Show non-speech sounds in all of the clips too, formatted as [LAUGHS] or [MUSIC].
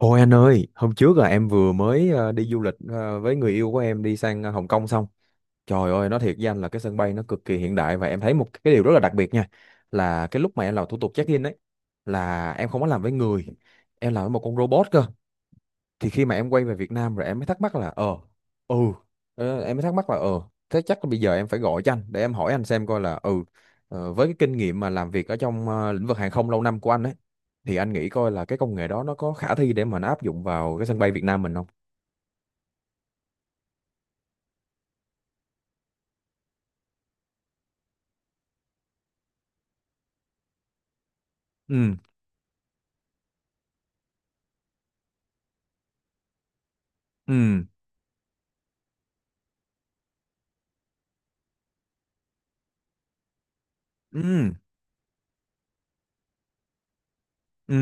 Ôi anh ơi, hôm trước là em vừa mới đi du lịch với người yêu của em đi sang Hồng Kông xong. Trời ơi, nói thiệt với anh là cái sân bay nó cực kỳ hiện đại và em thấy một cái điều rất là đặc biệt nha. Là cái lúc mà em làm thủ tục check-in ấy, là em không có làm với người, em làm với một con robot cơ. Thì khi mà em quay về Việt Nam rồi em mới thắc mắc là ừ. Em mới thắc mắc là thế chắc là bây giờ em phải gọi cho anh để em hỏi anh xem coi là ừ. Với cái kinh nghiệm mà làm việc ở trong lĩnh vực hàng không lâu năm của anh ấy, thì anh nghĩ coi là cái công nghệ đó nó có khả thi để mà nó áp dụng vào cái sân bay Việt Nam mình không. Ừ, ừ, ừ, ừ,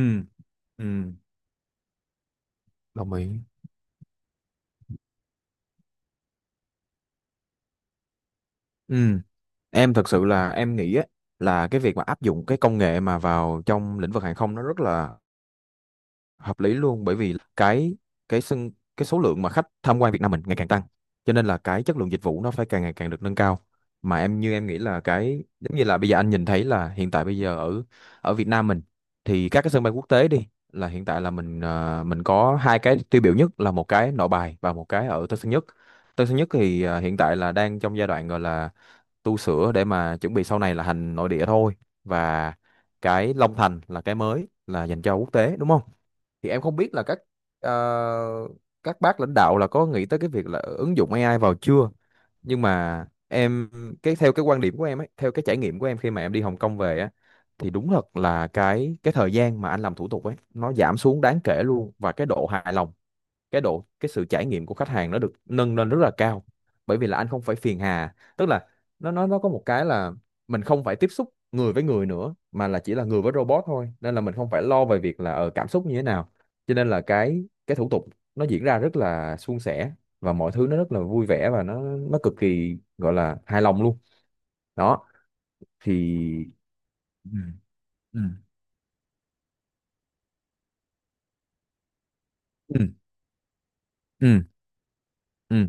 ừ, đồng ý, ừ. Em thật sự là em nghĩ á, là cái việc mà áp dụng cái công nghệ mà vào trong lĩnh vực hàng không nó rất là hợp lý luôn, bởi vì cái sân cái số lượng mà khách tham quan Việt Nam mình ngày càng tăng, cho nên là cái chất lượng dịch vụ nó phải càng ngày càng được nâng cao. Mà em như em nghĩ là cái giống như là bây giờ anh nhìn thấy là hiện tại bây giờ ở ở Việt Nam mình, thì các cái sân bay quốc tế đi là hiện tại là mình à, mình có hai cái tiêu biểu nhất là một cái Nội Bài và một cái ở Tân Sơn Nhất. Tân Sơn Nhất thì à, hiện tại là đang trong giai đoạn gọi là tu sửa để mà chuẩn bị sau này là hành nội địa thôi. Và cái Long Thành là cái mới là dành cho quốc tế, đúng không? Thì em không biết là các ờ, các bác lãnh đạo là có nghĩ tới cái việc là ứng dụng AI vào chưa. Nhưng mà em cái theo cái quan điểm của em ấy, theo cái trải nghiệm của em khi mà em đi Hồng Kông về á, thì đúng thật là cái thời gian mà anh làm thủ tục ấy nó giảm xuống đáng kể luôn. Và cái độ hài lòng, cái độ cái sự trải nghiệm của khách hàng nó được nâng lên rất là cao, bởi vì là anh không phải phiền hà, tức là nó có một cái là mình không phải tiếp xúc người với người nữa mà là chỉ là người với robot thôi, nên là mình không phải lo về việc là cảm xúc như thế nào. Cho nên là cái thủ tục nó diễn ra rất là suôn sẻ, và mọi thứ nó rất là vui vẻ và nó cực kỳ gọi là hài lòng luôn. Đó thì ừ, ừ, ừ, ừ, ừ.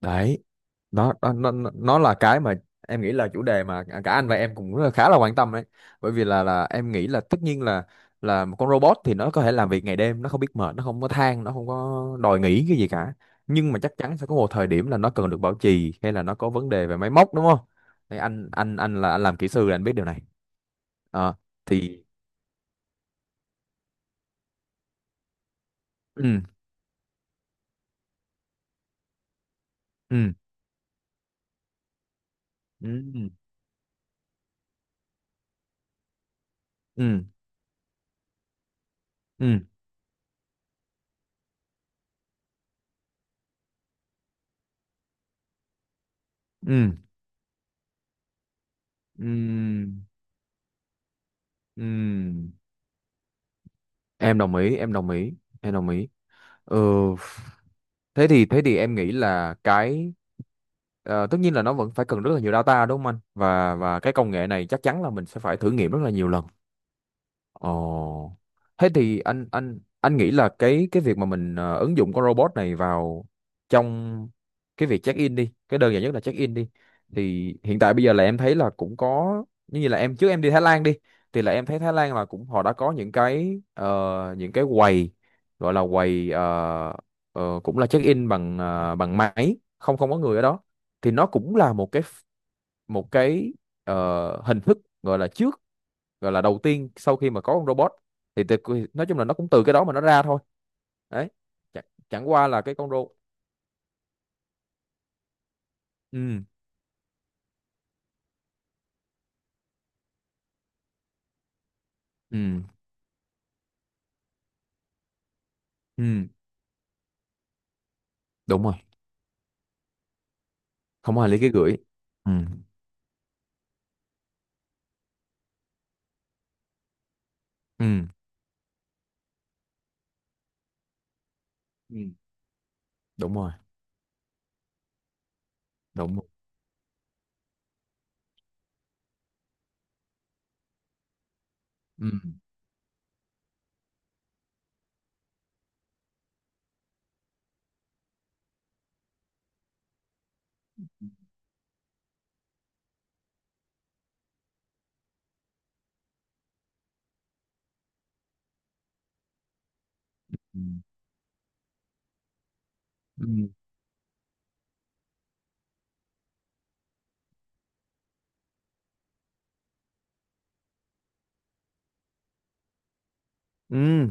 Đấy, nó là cái mà em nghĩ là chủ đề mà cả anh và em cũng rất là- khá là quan tâm đấy. Bởi vì là em nghĩ là tất nhiên là một con robot thì nó có thể làm việc ngày đêm, nó không biết mệt, nó không có than, nó không có đòi nghỉ cái gì cả. Nhưng mà chắc chắn sẽ có một thời điểm là nó cần được bảo trì hay là nó có vấn đề về máy móc, đúng không? Thì anh là anh làm kỹ sư là anh biết điều này. Ờ, thì ừ, ừ, ừ, ừ, ừ, ừ, ừ, ừ, ừ. Em đồng ý, em đồng ý, em đồng ý. Ừ, thế thì em nghĩ là cái tất nhiên là nó vẫn phải cần rất là nhiều data, đúng không anh? Và cái công nghệ này chắc chắn là mình sẽ phải thử nghiệm rất là nhiều lần. Ồ. Thế thì anh nghĩ là cái việc mà mình ứng dụng con robot này vào trong cái việc check in đi, cái đơn giản nhất là check in đi. Thì hiện tại bây giờ là em thấy là cũng có như như là em trước em đi Thái Lan đi, thì là em thấy Thái Lan là cũng họ đã có những cái những cái quầy gọi là quầy cũng là check in bằng bằng máy, không không có người ở đó. Thì nó cũng là một cái hình thức gọi là trước, gọi là đầu tiên sau khi mà có con robot, thì từ, nói chung là nó cũng từ cái đó mà nó ra thôi. Đấy, chẳng qua là cái con robot. Ừ, ừ, ừ. Đúng rồi. Không ai lấy cái gửi. Ừ, ừ, ừ. Đúng rồi, đúng rồi. Ừ, ừ, ừ, ừ.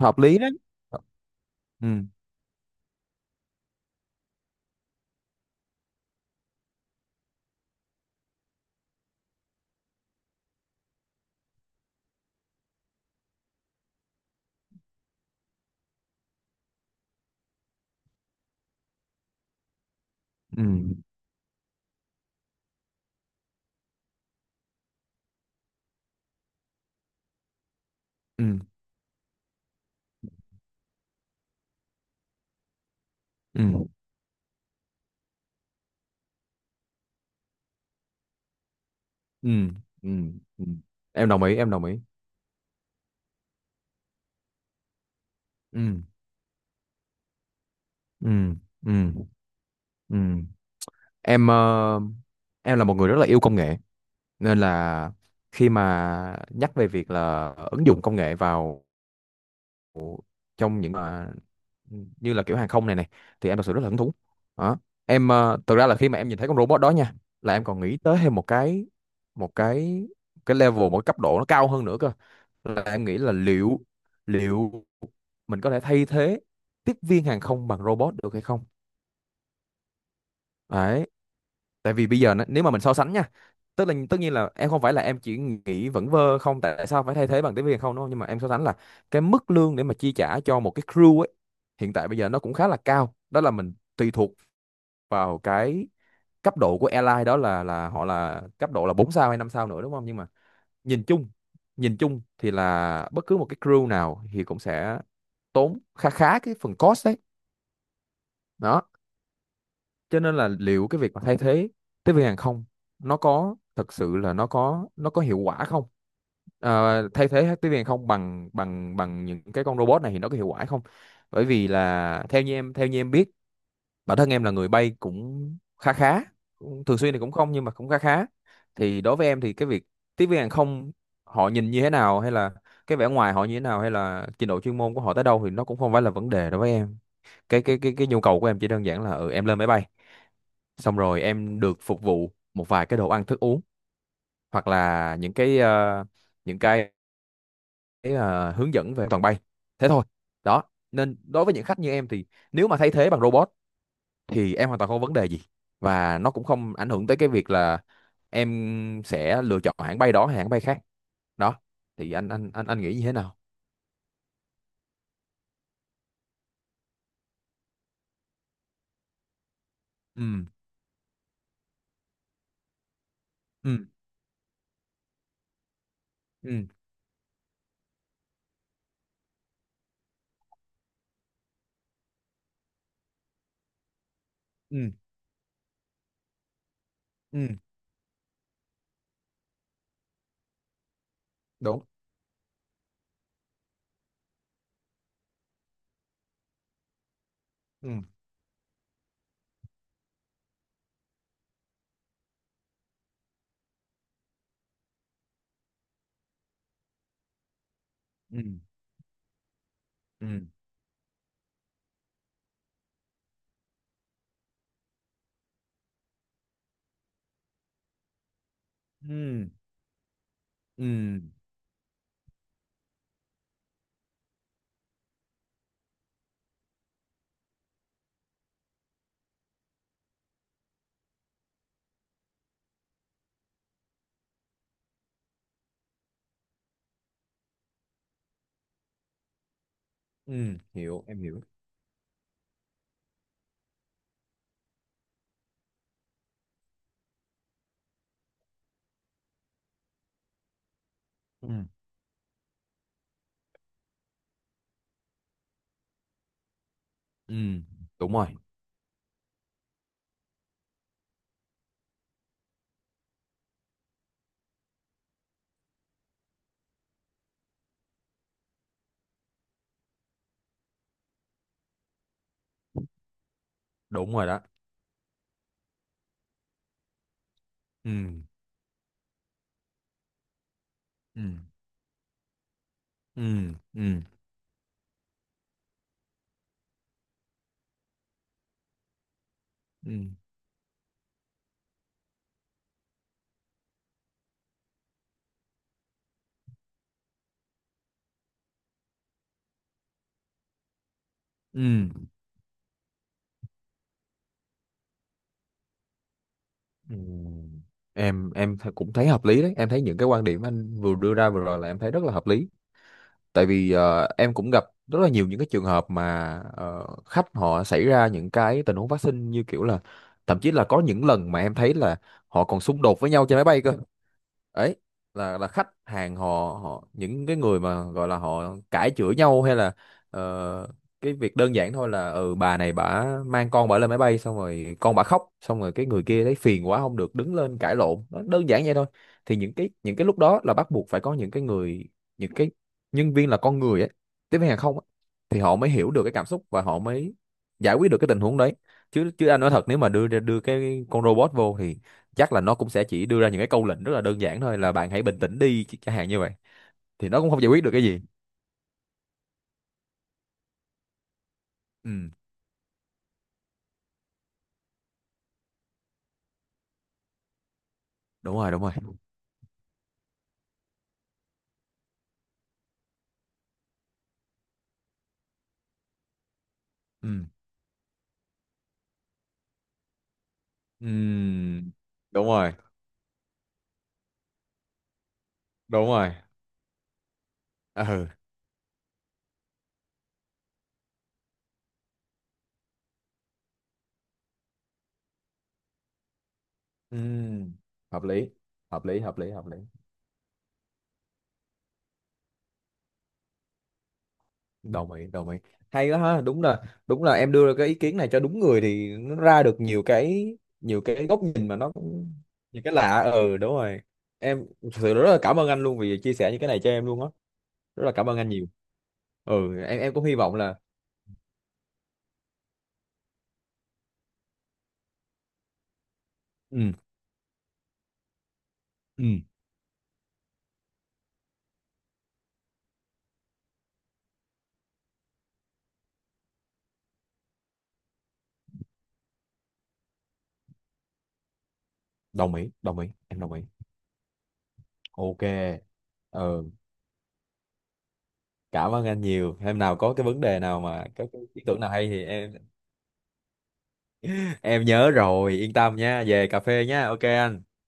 Hợp lý đấy. Ừ, ừ, ừ, ừ, ừ, ừ, ừ. Em đồng ý, em đồng ý. Ừ, ừ, ừ, ừ. Em ờ, em là một người rất là yêu công nghệ, nên là khi mà nhắc về việc là ứng dụng công nghệ vào trong những mà như là kiểu hàng không này này, thì em thật sự rất là hứng thú. Đó, thực ra là khi mà em nhìn thấy con robot đó nha, là em còn nghĩ tới thêm một cái một cái cấp độ nó cao hơn nữa cơ, là em nghĩ là liệu liệu mình có thể thay thế tiếp viên hàng không bằng robot được hay không. Đấy, tại vì bây giờ nếu mà mình so sánh nha, tức là tất nhiên là em không phải là em chỉ nghĩ vẫn vơ không tại sao phải thay thế bằng tiếng Việt không đúng không, nhưng mà em so sánh là cái mức lương để mà chi trả cho một cái crew ấy hiện tại bây giờ nó cũng khá là cao, đó là mình tùy thuộc vào cái cấp độ của airline đó là họ là cấp độ là 4 sao hay 5 sao nữa, đúng không? Nhưng mà nhìn chung nhìn chung thì là bất cứ một cái crew nào thì cũng sẽ tốn khá khá cái phần cost đấy. Đó cho nên là liệu cái việc mà thay thế tiếp viên hàng không nó có thật sự là nó có hiệu quả không. Thay thế hết tiếp viên hàng không bằng bằng bằng những cái con robot này thì nó có hiệu quả không, bởi vì là theo như em biết, bản thân em là người bay cũng khá khá, thường xuyên thì cũng không, nhưng mà cũng khá khá. Thì đối với em thì cái việc tiếp viên hàng không họ nhìn như thế nào hay là cái vẻ ngoài họ như thế nào hay là trình độ chuyên môn của họ tới đâu thì nó cũng không phải là vấn đề đối với em. Cái nhu cầu của em chỉ đơn giản là ừ, em lên máy bay xong rồi em được phục vụ một vài cái đồ ăn thức uống, hoặc là những cái những cái ờ, hướng dẫn về an toàn bay, thế thôi. Đó, nên đối với những khách như em thì nếu mà thay thế bằng robot thì em hoàn toàn không có vấn đề gì, và nó cũng không ảnh hưởng tới cái việc là em sẽ lựa chọn hãng bay đó hay hãng bay khác. Đó thì anh nghĩ như thế nào? Ừ, ừ, ừ, ừ, ừ, đúng, ừ, ừ, ừ, ừ, ừ, ừ, hiểu, em hiểu. Ừ, ừ, đúng rồi, đúng rồi. Đó, ừ, ừ, ừ, ừ, ừ, ừ, ừ. Em cũng thấy hợp lý đấy, em thấy những cái quan điểm anh vừa đưa ra vừa rồi là em thấy rất là hợp lý, tại vì em cũng gặp rất là nhiều những cái trường hợp mà khách họ xảy ra những cái tình huống phát sinh như kiểu là thậm chí là có những lần mà em thấy là họ còn xung đột với nhau trên máy bay cơ ấy. Là khách hàng họ họ những cái người mà gọi là họ cãi chửi nhau hay là ờ, cái việc đơn giản thôi là ừ bà này bả mang con bả lên máy bay xong rồi con bả khóc xong rồi cái người kia thấy phiền quá không được đứng lên cãi lộn, nó đơn giản vậy thôi. Thì những cái lúc đó là bắt buộc phải có những cái người, những cái nhân viên là con người ấy, tiếp viên hàng không ấy, thì họ mới hiểu được cái cảm xúc và họ mới giải quyết được cái tình huống đấy. Chứ chứ anh nói thật nếu mà đưa ra đưa cái con robot vô thì chắc là nó cũng sẽ chỉ đưa ra những cái câu lệnh rất là đơn giản thôi là bạn hãy bình tĩnh đi chẳng hạn như vậy, thì nó cũng không giải quyết được cái gì. Ừ, đúng rồi, đúng rồi. Ừ, ừ, đúng rồi, đúng rồi. Ừ, ừ, hợp lý, hợp lý, hợp lý, hợp lý, đồng ý, đồng ý. Hay quá ha, đúng là em đưa ra cái ý kiến này cho đúng người thì nó ra được nhiều cái, nhiều cái góc nhìn mà nó cũng nhiều cái lạ. Ừ, đúng rồi. Em thực sự rất là cảm ơn anh luôn vì chia sẻ những cái này cho em luôn á, rất là cảm ơn anh nhiều. Ừ, em cũng hy vọng là ừ. Ừ, đồng ý, em đồng ý. Ok. Ừ, cảm ơn anh nhiều. Hôm nào có cái vấn đề nào mà có cái ý tưởng nào hay thì em [LAUGHS] em nhớ rồi, yên tâm nha, về cà phê nha. Ok anh.